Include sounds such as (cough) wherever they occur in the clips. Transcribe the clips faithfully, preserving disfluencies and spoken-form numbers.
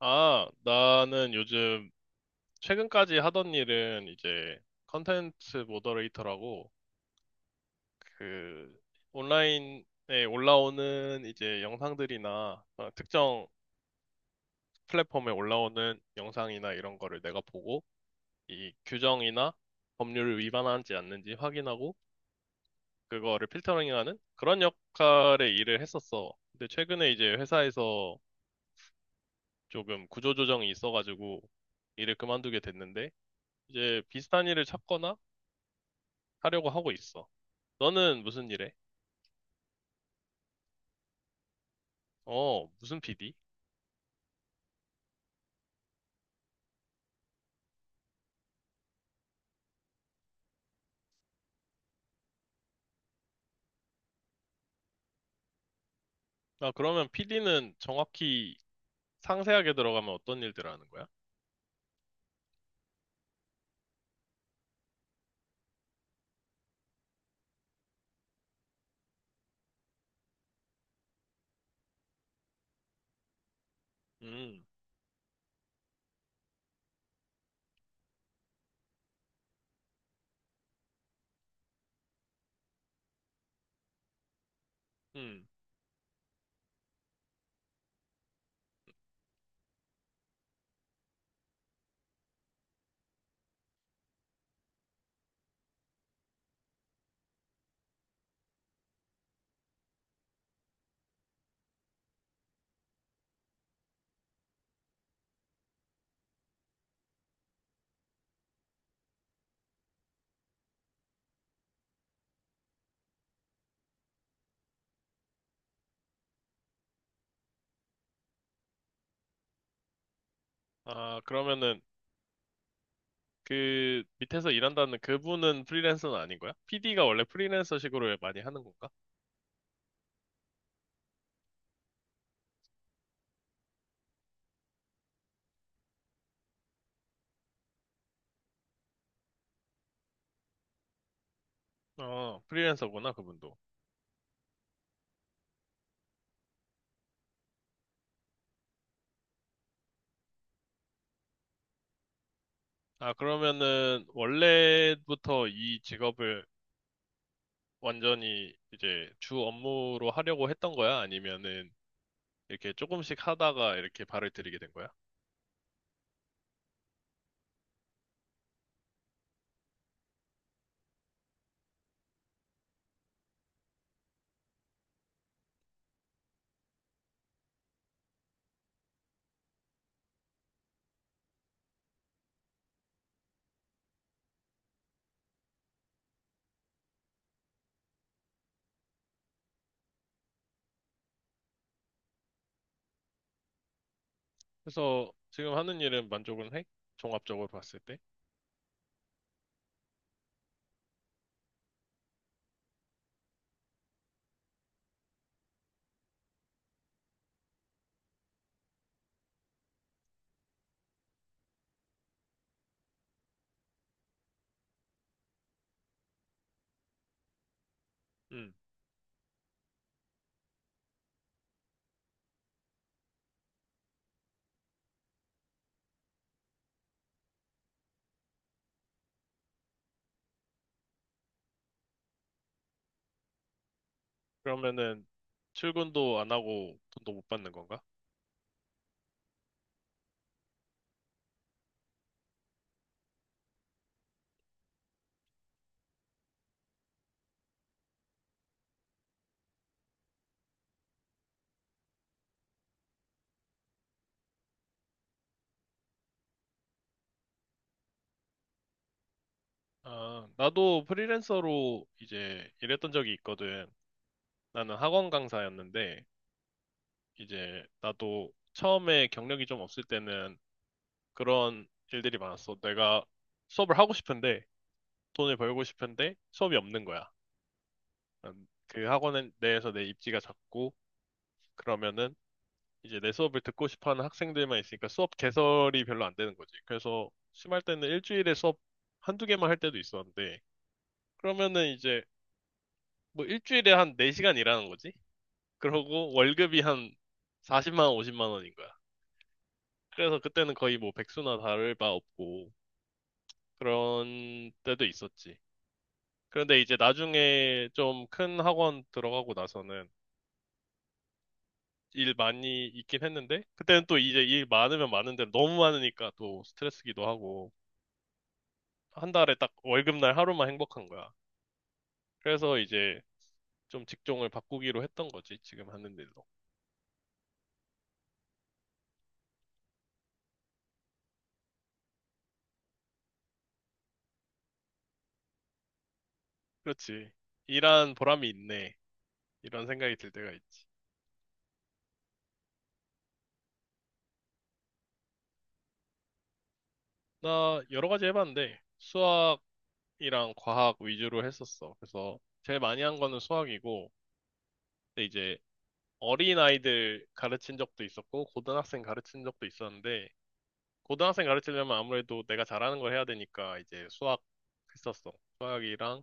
아, 나는 요즘 최근까지 하던 일은 이제 컨텐츠 모더레이터라고 그 온라인에 올라오는 이제 영상들이나 어, 특정 플랫폼에 올라오는 영상이나 이런 거를 내가 보고 이 규정이나 법률을 위반하지 않는지 확인하고 그거를 필터링하는 그런 역할의 일을 했었어. 근데 최근에 이제 회사에서 조금 구조조정이 있어가지고 일을 그만두게 됐는데 이제 비슷한 일을 찾거나 하려고 하고 있어. 너는 무슨 일해? 어, 무슨 피디? 아, 그러면 피디는 정확히 상세하게 들어가면 어떤 일들을 하는 거야? 음, 음. 아, 그러면은 그 밑에서 일한다는 그분은 프리랜서는 아닌 거야? 피디가 원래 프리랜서식으로 많이 하는 건가? 어, 프리랜서구나, 그분도. 아, 그러면은 원래부터 이 직업을 완전히 이제 주 업무로 하려고 했던 거야? 아니면은 이렇게 조금씩 하다가 이렇게 발을 들이게 된 거야? 그래서 지금 하는 일은 만족은 해? 종합적으로 봤을 때? 음. 그러면은 출근도 안 하고 돈도 못 받는 건가? 아, 나도 프리랜서로 이제 일했던 적이 있거든. 나는 학원 강사였는데 이제 나도 처음에 경력이 좀 없을 때는 그런 일들이 많았어. 내가 수업을 하고 싶은데 돈을 벌고 싶은데 수업이 없는 거야. 음, 그 학원 내에서 내 입지가 작고 그러면은 이제 내 수업을 듣고 싶어 하는 학생들만 있으니까 수업 개설이 별로 안 되는 거지. 그래서 심할 때는 일주일에 수업 한두 개만 할 때도 있었는데, 그러면은 이제 뭐 일주일에 한 네 시간 일하는 거지? 그러고 월급이 한 사십만 원, 오십만 원인 거야. 그래서 그때는 거의 뭐 백수나 다를 바 없고, 그런 때도 있었지. 그런데 이제 나중에 좀 큰 학원 들어가고 나서는 일 많이 있긴 했는데, 그때는 또 이제 일 많으면 많은 대로 너무 많으니까 또 스트레스기도 하고, 한 달에 딱 월급날 하루만 행복한 거야. 그래서 이제 좀 직종을 바꾸기로 했던 거지, 지금 하는 일로. 그렇지. 일한 보람이 있네. 이런 생각이 들 때가 있지. 나 여러 가지 해봤는데, 수학이랑 과학 위주로 했었어. 그래서 제일 많이 한 거는 수학이고, 근데 이제 어린 아이들 가르친 적도 있었고, 고등학생 가르친 적도 있었는데, 고등학생 가르치려면 아무래도 내가 잘하는 걸 해야 되니까 이제 수학 했었어. 수학이랑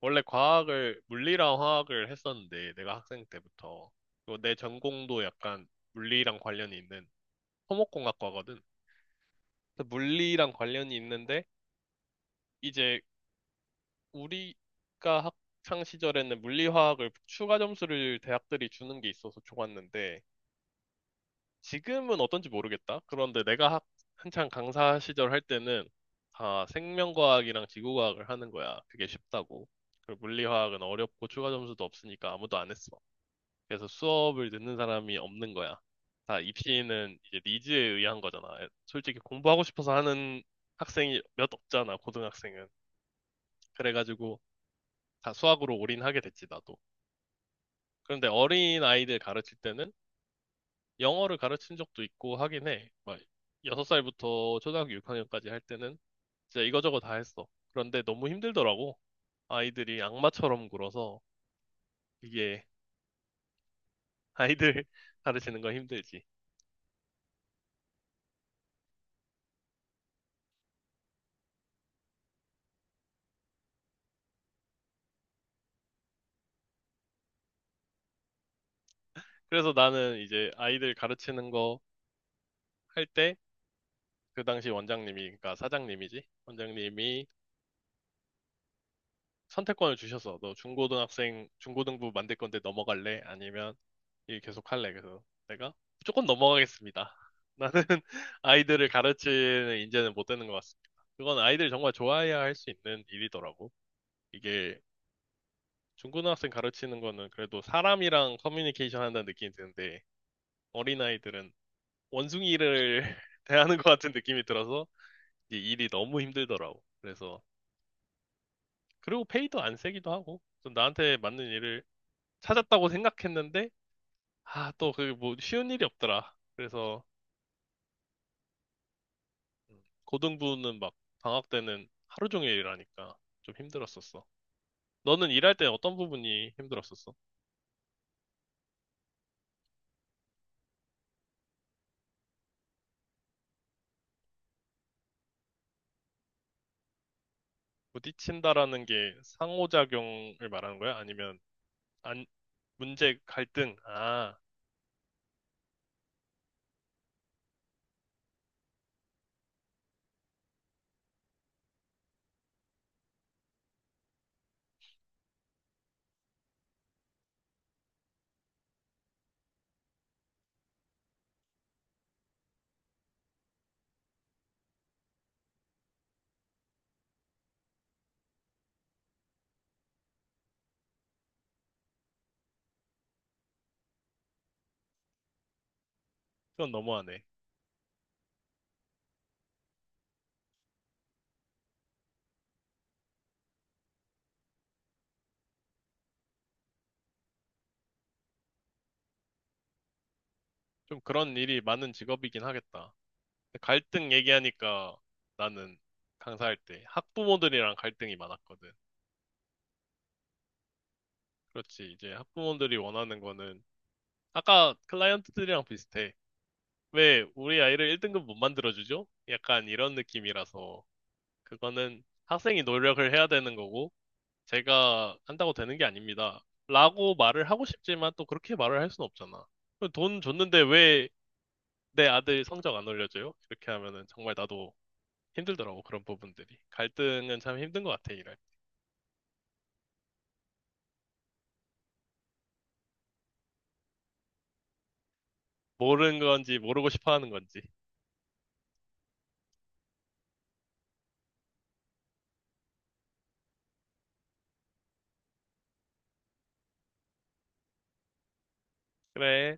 원래 과학을, 물리랑 화학을 했었는데, 내가 학생 때부터. 그리고 내 전공도 약간 물리랑 관련이 있는 토목공학과거든. 그래서 물리랑 관련이 있는데, 이제 우리가 학창 시절에는 물리화학을 추가 점수를 대학들이 주는 게 있어서 좋았는데, 지금은 어떤지 모르겠다. 그런데 내가 학, 한창 강사 시절 할 때는 다 생명과학이랑 지구과학을 하는 거야. 그게 쉽다고. 그리고 물리화학은 어렵고 추가 점수도 없으니까 아무도 안 했어. 그래서 수업을 듣는 사람이 없는 거야. 다 입시는 이제 니즈에 의한 거잖아. 솔직히 공부하고 싶어서 하는 학생이 몇 없잖아, 고등학생은. 그래가지고 다 수학으로 올인하게 됐지, 나도. 그런데 어린 아이들 가르칠 때는 영어를 가르친 적도 있고 하긴 해. 막 여섯 살부터 초등학교 육 학년까지 할 때는 진짜 이거저거 다 했어. 그런데 너무 힘들더라고. 아이들이 악마처럼 굴어서 이게 아이들 (laughs) 가르치는 건 힘들지. 그래서 나는 이제 아이들 가르치는 거 할 때 그 당시 원장님이 그러니까 사장님이지 원장님이 선택권을 주셔서 너 중고등학생 중고등부 만들 건데 넘어갈래? 아니면 일 계속 할래? 그래서 내가 무조건 넘어가겠습니다. (laughs) 나는 아이들을 가르치는 인재는 못 되는 것 같습니다. 그건 아이들 정말 좋아해야 할 수 있는 일이더라고. 이게 중고등학생 가르치는 거는 그래도 사람이랑 커뮤니케이션 한다는 느낌이 드는데 어린아이들은 원숭이를 (laughs) 대하는 것 같은 느낌이 들어서 이 일이 너무 힘들더라고. 그래서 그리고 페이도 안 세기도 하고 좀 나한테 맞는 일을 찾았다고 생각했는데 아 또 그게 뭐 쉬운 일이 없더라. 그래서 음, 고등부는 막 방학 때는 하루 종일 일하니까 좀 힘들었었어. 너는 일할 때 어떤 부분이 힘들었었어? 부딪힌다라는 게 상호작용을 말하는 거야? 아니면 안, 문제 갈등? 아, 그건 너무하네. 좀 그런 일이 많은 직업이긴 하겠다. 근데 갈등 얘기하니까 나는 강사할 때 학부모들이랑 갈등이 많았거든. 그렇지. 이제 학부모들이 원하는 거는 아까 클라이언트들이랑 비슷해. 왜 우리 아이를 일 등급 못 만들어주죠? 약간 이런 느낌이라서 그거는 학생이 노력을 해야 되는 거고 제가 한다고 되는 게 아닙니다. 라고 말을 하고 싶지만 또 그렇게 말을 할 수는 없잖아. 돈 줬는데 왜 내 아들 성적 안 올려줘요? 이렇게 하면은 정말 나도 힘들더라고 그런 부분들이. 갈등은 참 힘든 것 같아 이래. 모르는 건지 모르고 싶어 하는 건지. 그래.